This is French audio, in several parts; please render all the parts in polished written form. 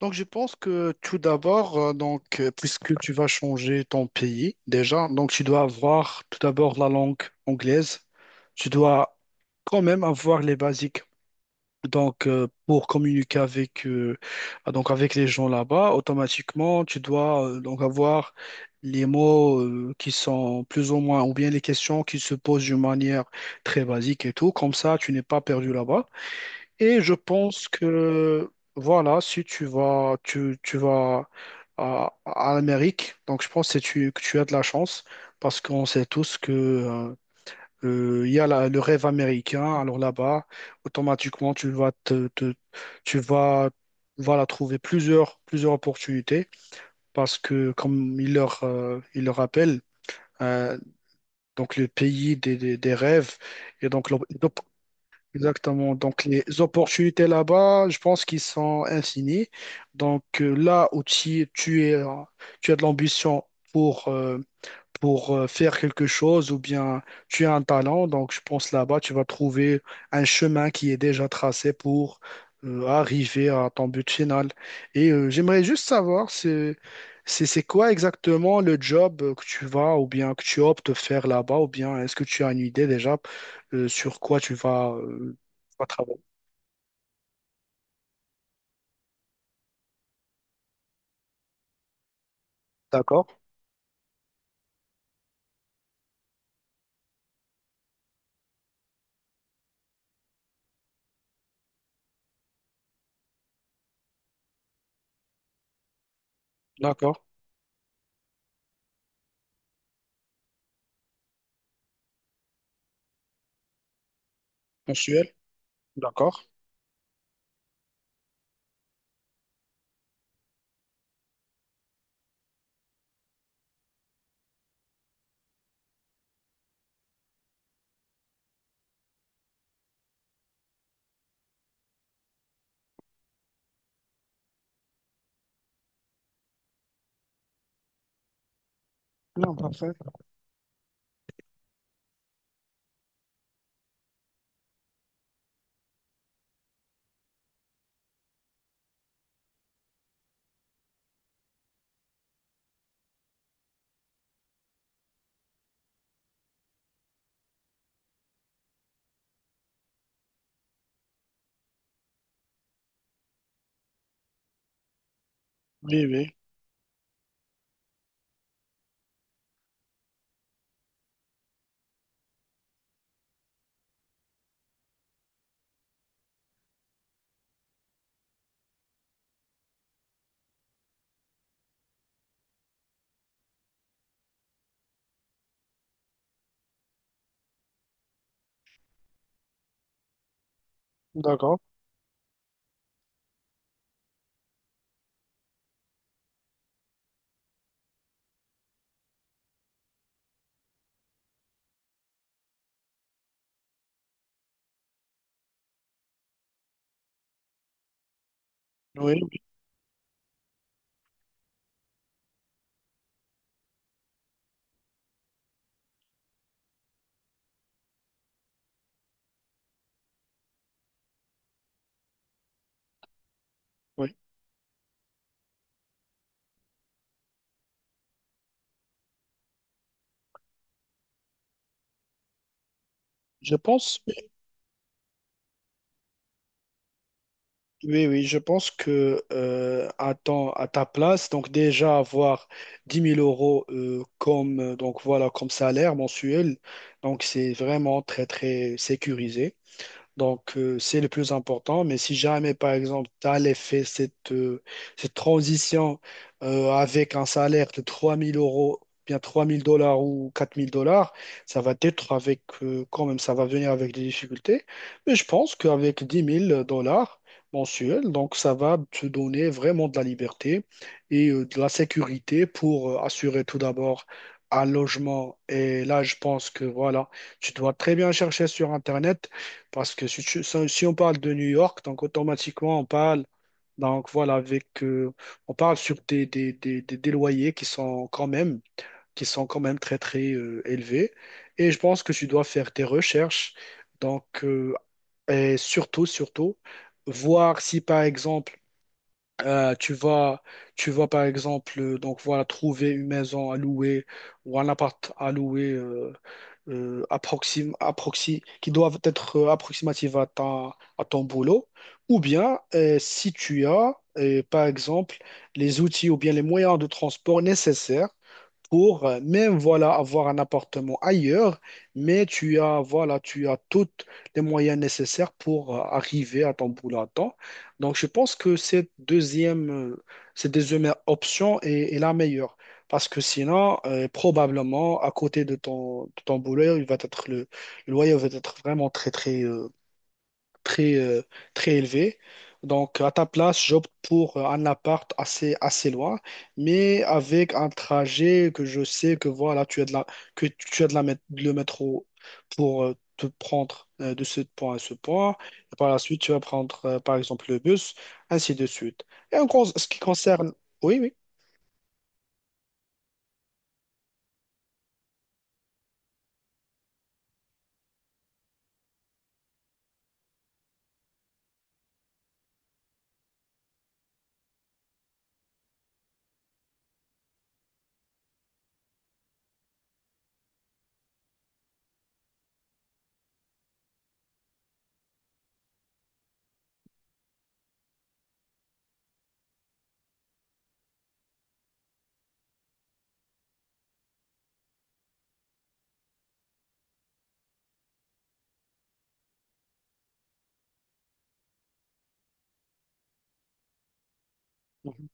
Donc, je pense que tout d'abord, donc, puisque tu vas changer ton pays déjà, donc tu dois avoir tout d'abord la langue anglaise. Tu dois quand même avoir les basiques. Donc, pour communiquer avec, ah, donc avec les gens là-bas, automatiquement, tu dois donc avoir les mots qui sont plus ou moins, ou bien les questions qui se posent d'une manière très basique et tout. Comme ça, tu n'es pas perdu là-bas. Et je pense que, voilà, si tu vas, tu vas à l'Amérique, donc je pense que tu as de la chance parce qu'on sait tous que, il y a le rêve américain. Alors là-bas, automatiquement, tu vas, voilà, trouver plusieurs, plusieurs opportunités parce que, comme il leur rappelle, euh, donc le pays des rêves et donc Exactement. Donc, les opportunités là-bas, je pense qu'ils sont infinies. Donc, là où tu, tu as de l'ambition pour, euh, pour faire quelque chose ou bien tu as un talent. Donc, je pense là-bas, tu vas trouver un chemin qui est déjà tracé pour arriver à ton but final. Et j'aimerais juste savoir, c'est quoi exactement le job que tu vas ou bien que tu optes de faire là-bas ou bien est-ce que tu as une idée déjà sur quoi tu vas travailler? D'accord, d'accord. Mensuel? D'accord. Non, parfait. Oui, oui. D'accord. Oui, oui, oui. Je pense. Oui, oui, je pense que à ta place, donc déjà avoir 10 000 euros comme, donc voilà, comme salaire mensuel, donc c'est vraiment très, très sécurisé. Donc, c'est le plus important. Mais si jamais, par exemple, tu as fait cette, cette transition avec un salaire de 3 000 euros, bien 3 000 dollars ou 4 000 dollars, ça va être avec, quand même, ça va venir avec des difficultés. Mais je pense qu'avec 10 000 dollars mensuels, donc ça va te donner vraiment de la liberté et de la sécurité pour assurer tout d'abord un logement. Et là, je pense que voilà, tu dois très bien chercher sur Internet parce que si, tu- si- si on parle de New York, donc automatiquement on parle, donc voilà, avec, on parle sur des loyers qui sont quand même, qui sont quand même très très élevés. Et je pense que tu dois faire tes recherches, donc et surtout surtout voir si par exemple euh, tu vas, tu vas par exemple donc voilà trouver une maison à louer ou un appart à louer qui doivent être approximatives à à ton boulot. Ou bien si tu as par exemple les outils ou bien les moyens de transport nécessaires pour même voilà avoir un appartement ailleurs, mais tu as voilà tu as tous les moyens nécessaires pour arriver à ton boulot à temps. Donc je pense que cette deuxième option est, est la meilleure parce que sinon probablement à côté de ton boulot il va être le loyer va être vraiment très très très, euh, très élevé. Donc, à ta place, j'opte pour un appart assez, assez loin, mais avec un trajet que je sais que voilà, tu as de la, que tu as de la, le métro pour te prendre de ce point à ce point. Et par la suite, tu vas prendre, par exemple, le bus, ainsi de suite. Et en cause, ce qui concerne... Oui, oui. Mhm,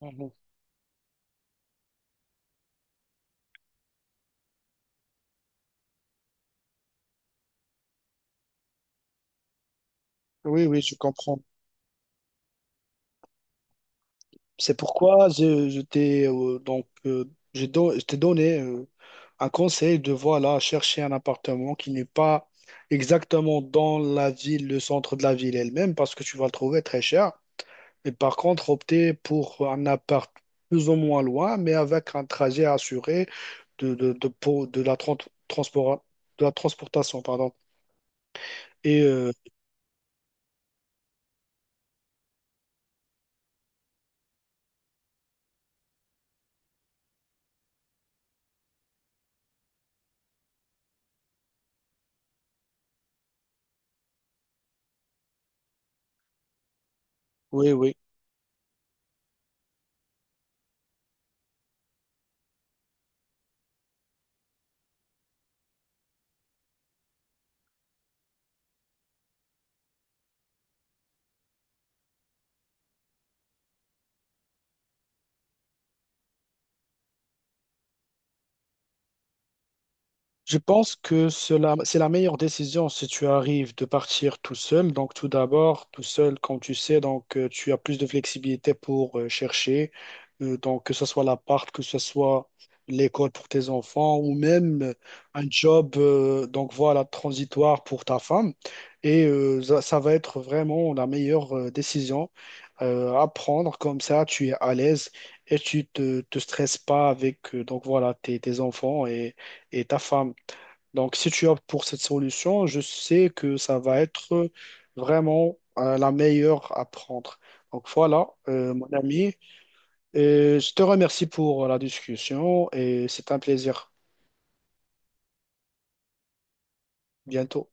mhm. Oui, oui, je comprends. C'est pourquoi je t'ai donc je t'ai donné un conseil de voilà chercher un appartement qui n'est pas exactement dans la ville, le centre de la ville elle-même, parce que tu vas le trouver très cher. Mais par contre, opter pour un appart plus ou moins loin, mais avec un trajet assuré de la transport, de la transportation, pardon. Et oui, oui. Je pense que cela, c'est la meilleure décision si tu arrives de partir tout seul. Donc, tout d'abord, tout seul, comme tu sais, donc tu as plus de flexibilité pour chercher. Donc, que ce soit l'appart, que ce soit l'école pour tes enfants ou même un job, donc voilà, transitoire pour ta femme. Et ça, ça va être vraiment la meilleure décision à prendre. Comme ça, tu es à l'aise et te stresses pas avec donc voilà, tes, tes enfants et ta femme. Donc, si tu optes pour cette solution, je sais que ça va être vraiment la meilleure à prendre. Donc voilà, mon ami, je te remercie pour la discussion et c'est un plaisir. Bientôt.